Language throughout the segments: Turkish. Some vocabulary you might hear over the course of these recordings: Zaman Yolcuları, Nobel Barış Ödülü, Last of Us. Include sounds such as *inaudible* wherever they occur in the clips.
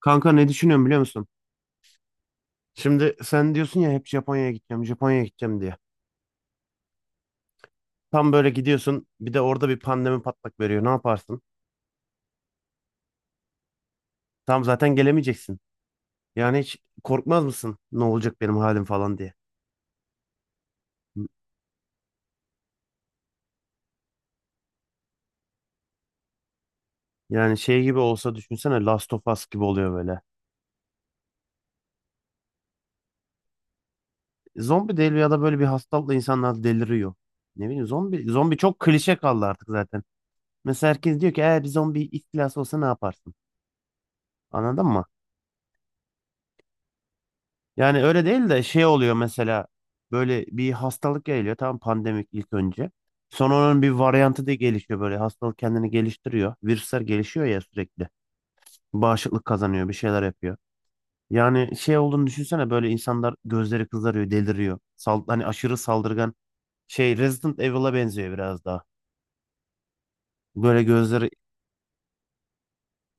Kanka ne düşünüyorum biliyor musun? Şimdi sen diyorsun ya hep Japonya'ya gideceğim, Japonya'ya gideceğim diye. Tam böyle gidiyorsun, bir de orada bir pandemi patlak veriyor. Ne yaparsın? Tam zaten gelemeyeceksin. Yani hiç korkmaz mısın? Ne olacak benim halim falan diye. Yani şey gibi olsa düşünsene Last of Us gibi oluyor böyle. Zombi değil ya da böyle bir hastalıkla insanlar deliriyor. Ne bileyim zombi zombi çok klişe kaldı artık zaten. Mesela herkes diyor ki eğer bir zombi istilası olsa ne yaparsın? Anladın mı? Yani öyle değil de şey oluyor mesela böyle bir hastalık geliyor tam pandemik ilk önce. Sonra onun bir varyantı da gelişiyor böyle hastalık kendini geliştiriyor. Virüsler gelişiyor ya sürekli. Bağışıklık kazanıyor bir şeyler yapıyor. Yani şey olduğunu düşünsene böyle insanlar gözleri kızarıyor deliriyor. Sal hani aşırı saldırgan şey Resident Evil'a benziyor biraz daha. Böyle gözleri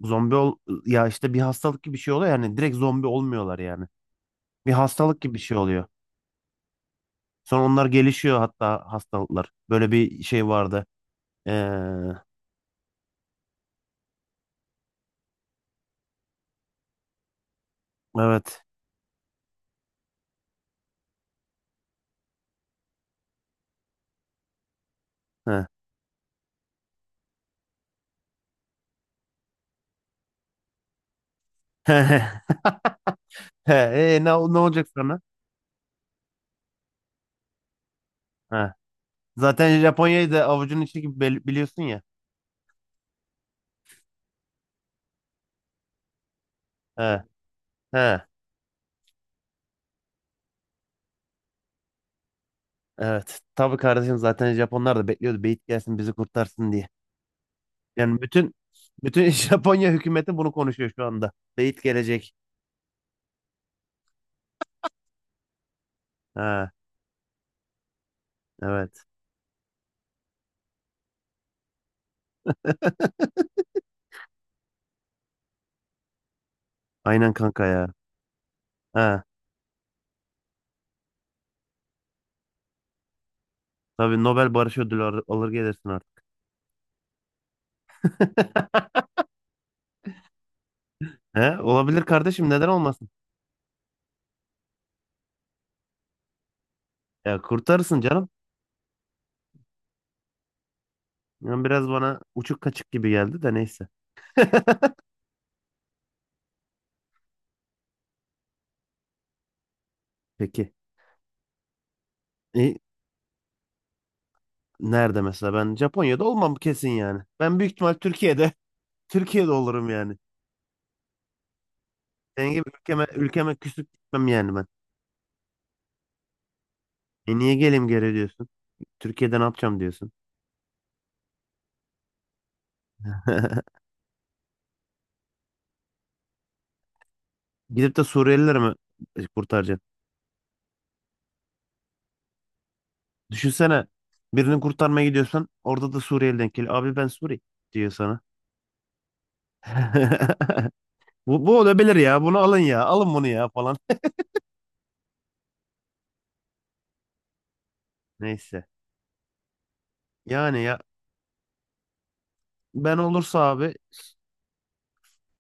zombi ol ya işte bir hastalık gibi bir şey oluyor yani direkt zombi olmuyorlar yani. Bir hastalık gibi bir şey oluyor. Sonra onlar gelişiyor hatta hastalıklar. Böyle bir şey vardı. Ee, evet. He. *laughs* He, ne olacak sana? He. Zaten Japonya'yı da avucunun içi gibi biliyorsun ya. He. He. Evet. Tabii kardeşim zaten Japonlar da bekliyordu. Beyit gelsin bizi kurtarsın diye. Yani bütün *laughs* Japonya hükümeti bunu konuşuyor şu anda. Beyit gelecek. He. Evet. *laughs* Aynen kanka ya. He. Tabii Nobel Barış Ödülü alır gelirsin artık. *laughs* He, olabilir kardeşim neden olmasın? Ya kurtarırsın canım. Yani biraz bana uçuk kaçık gibi geldi de neyse. *laughs* Peki. E, Nerede mesela? Ben Japonya'da olmam kesin yani. Ben büyük ihtimal Türkiye'de. *laughs* Türkiye'de olurum yani. Senin gibi ülkeme küsüp gitmem yani ben. E niye geleyim geri diyorsun? Türkiye'de ne yapacağım diyorsun. *laughs* Gidip de Suriyelileri mi kurtaracaksın? Düşünsene birini kurtarmaya gidiyorsan orada da Suriyeli denk geliyor. Abi ben Suri diyor sana. *laughs* Bu olabilir ya. Bunu alın ya. Alın bunu ya falan. Neyse. Yani ya ben olursa abi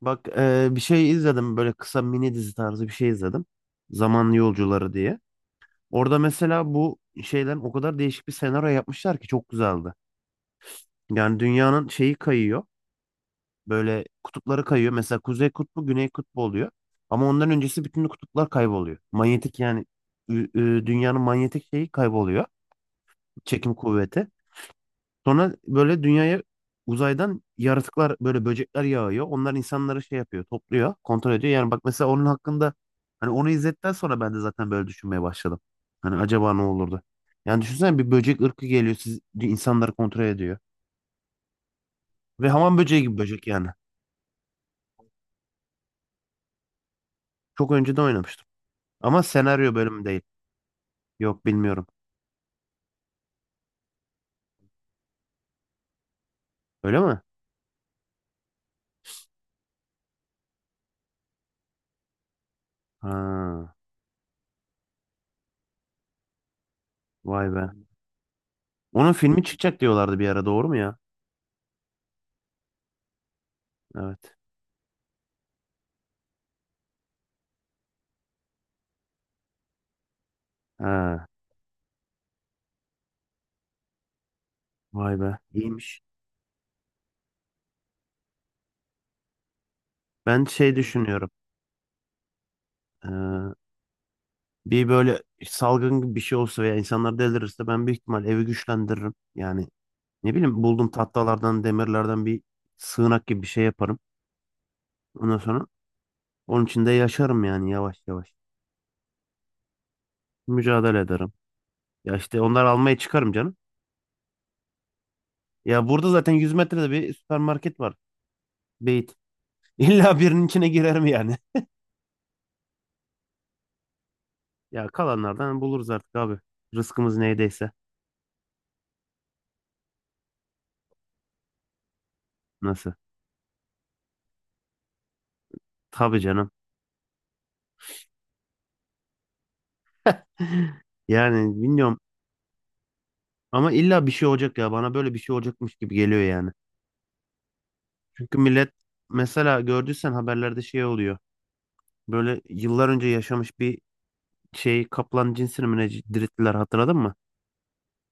bak bir şey izledim böyle kısa mini dizi tarzı bir şey izledim. Zaman Yolcuları diye. Orada mesela bu şeyden o kadar değişik bir senaryo yapmışlar ki çok güzeldi. Yani dünyanın şeyi kayıyor. Böyle kutupları kayıyor. Mesela Kuzey Kutbu, Güney Kutbu oluyor. Ama ondan öncesi bütün kutuplar kayboluyor. Manyetik yani dünyanın manyetik şeyi kayboluyor. Çekim kuvveti. Sonra böyle dünyaya uzaydan yaratıklar böyle böcekler yağıyor. Onlar insanları şey yapıyor, topluyor, kontrol ediyor. Yani bak mesela onun hakkında hani onu izledikten sonra ben de zaten böyle düşünmeye başladım. Hani acaba ne olurdu? Yani düşünsene bir böcek ırkı geliyor, siz insanları kontrol ediyor. Ve hamam böceği gibi böcek yani. Çok önceden oynamıştım. Ama senaryo bölümü değil. Yok bilmiyorum. Öyle mi? Ha, vay be. Onun filmi çıkacak diyorlardı bir ara doğru mu ya? Evet. Ha, vay be. İyiymiş. Ben şey düşünüyorum. Ee, Bir böyle salgın gibi bir şey olsa veya insanlar delirirse ben büyük ihtimal evi güçlendiririm. Yani ne bileyim buldum tahtalardan, demirlerden bir sığınak gibi bir şey yaparım. Ondan sonra onun içinde yaşarım yani yavaş yavaş. Mücadele ederim. Ya işte onları almaya çıkarım canım. Ya burada zaten 100 metrede bir süpermarket var. Beyt. *laughs* İlla birinin içine girerim yani. *laughs* Ya kalanlardan buluruz artık abi. Rızkımız neydeyse. Nasıl? Tabii canım. *laughs* Yani bilmiyorum. Ama illa bir şey olacak ya. Bana böyle bir şey olacakmış gibi geliyor yani. Çünkü millet mesela gördüysen haberlerde şey oluyor. Böyle yıllar önce yaşamış bir şey kaplan cinsini mi ne dirilttiler hatırladın mı?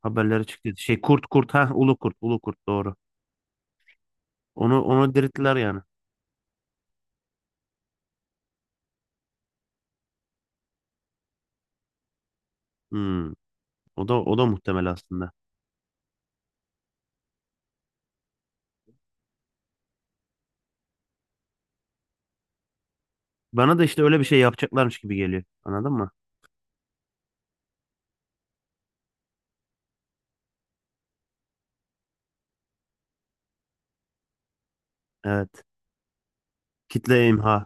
Haberlere çıktı. Şey kurt kurt ha ulu kurt ulu kurt doğru. Onu dirilttiler yani. Hmm. O da muhtemel aslında. Bana da işte öyle bir şey yapacaklarmış gibi geliyor. Anladın mı? Evet. Kitle imha.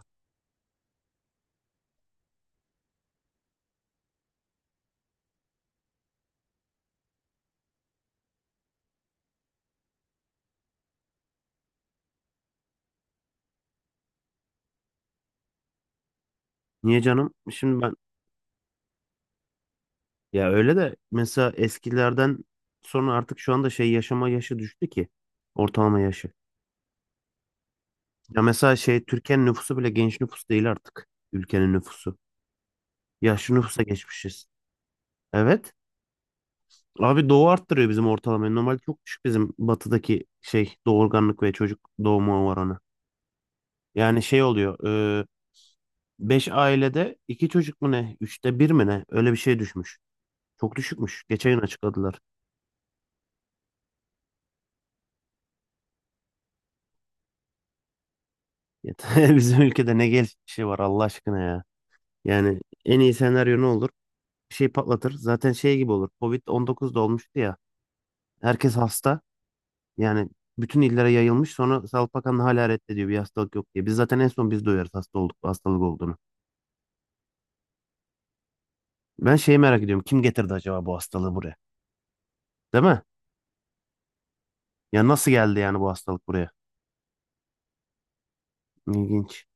Niye canım? Şimdi ben ya öyle de mesela eskilerden sonra artık şu anda şey yaşama yaşı düştü ki ortalama yaşı. Ya mesela şey Türkiye'nin nüfusu bile genç nüfus değil artık. Ülkenin nüfusu. Yaşlı nüfusa geçmişiz. Evet. Abi doğu arttırıyor bizim ortalamayı. Normalde çok düşük bizim batıdaki şey doğurganlık ve çocuk doğumu oranı. Yani şey oluyor. 5 ailede 2 çocuk mu ne? 1/3 mi ne? Öyle bir şey düşmüş. Çok düşükmüş. Geçen gün açıkladılar. Yeter. *laughs* Bizim ülkede ne gelişi var Allah aşkına ya. Yani en iyi senaryo ne olur? Bir şey patlatır. Zaten şey gibi olur. COVID-19'da olmuştu ya. Herkes hasta. Yani bütün illere yayılmış sonra Sağlık Bakanlığı hala reddediyor bir hastalık yok diye. Biz zaten en son biz duyarız hasta olduk, hastalık olduğunu. Ben şeyi merak ediyorum. Kim getirdi acaba bu hastalığı buraya? Değil mi? Ya nasıl geldi yani bu hastalık buraya? İlginç.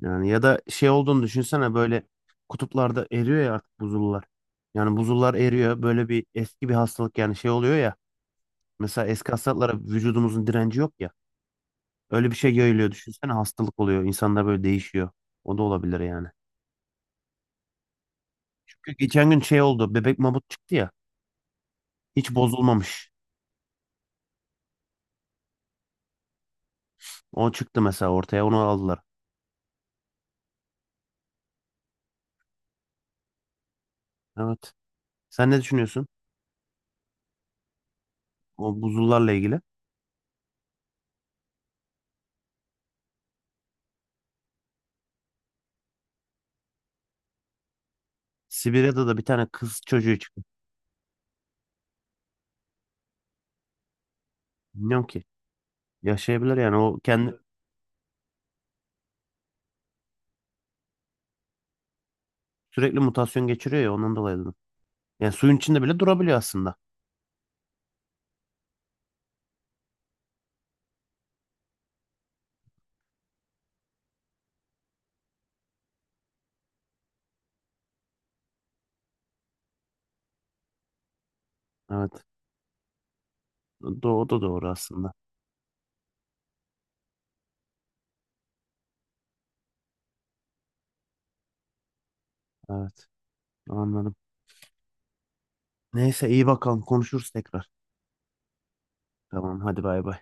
Yani ya da şey olduğunu düşünsene böyle kutuplarda eriyor ya artık buzullar. Yani buzullar eriyor. Böyle bir eski bir hastalık yani şey oluyor ya. Mesela eski hastalıklara vücudumuzun direnci yok ya. Öyle bir şey yayılıyor. Düşünsene hastalık oluyor. İnsanlar böyle değişiyor. O da olabilir yani. Çünkü geçen gün şey oldu. Bebek mamut çıktı ya. Hiç bozulmamış. O çıktı mesela ortaya onu aldılar. Evet. Sen ne düşünüyorsun? O buzullarla ilgili. Sibirya'da da bir tane kız çocuğu çıktı. Bilmiyorum ki. Yaşayabilir yani. O kendi sürekli mutasyon geçiriyor ya ondan dolayı dedim. Yani suyun içinde bile durabiliyor aslında. Evet. O da doğru aslında. Evet. Anladım. Neyse iyi bakalım konuşuruz tekrar. Tamam hadi bay bay.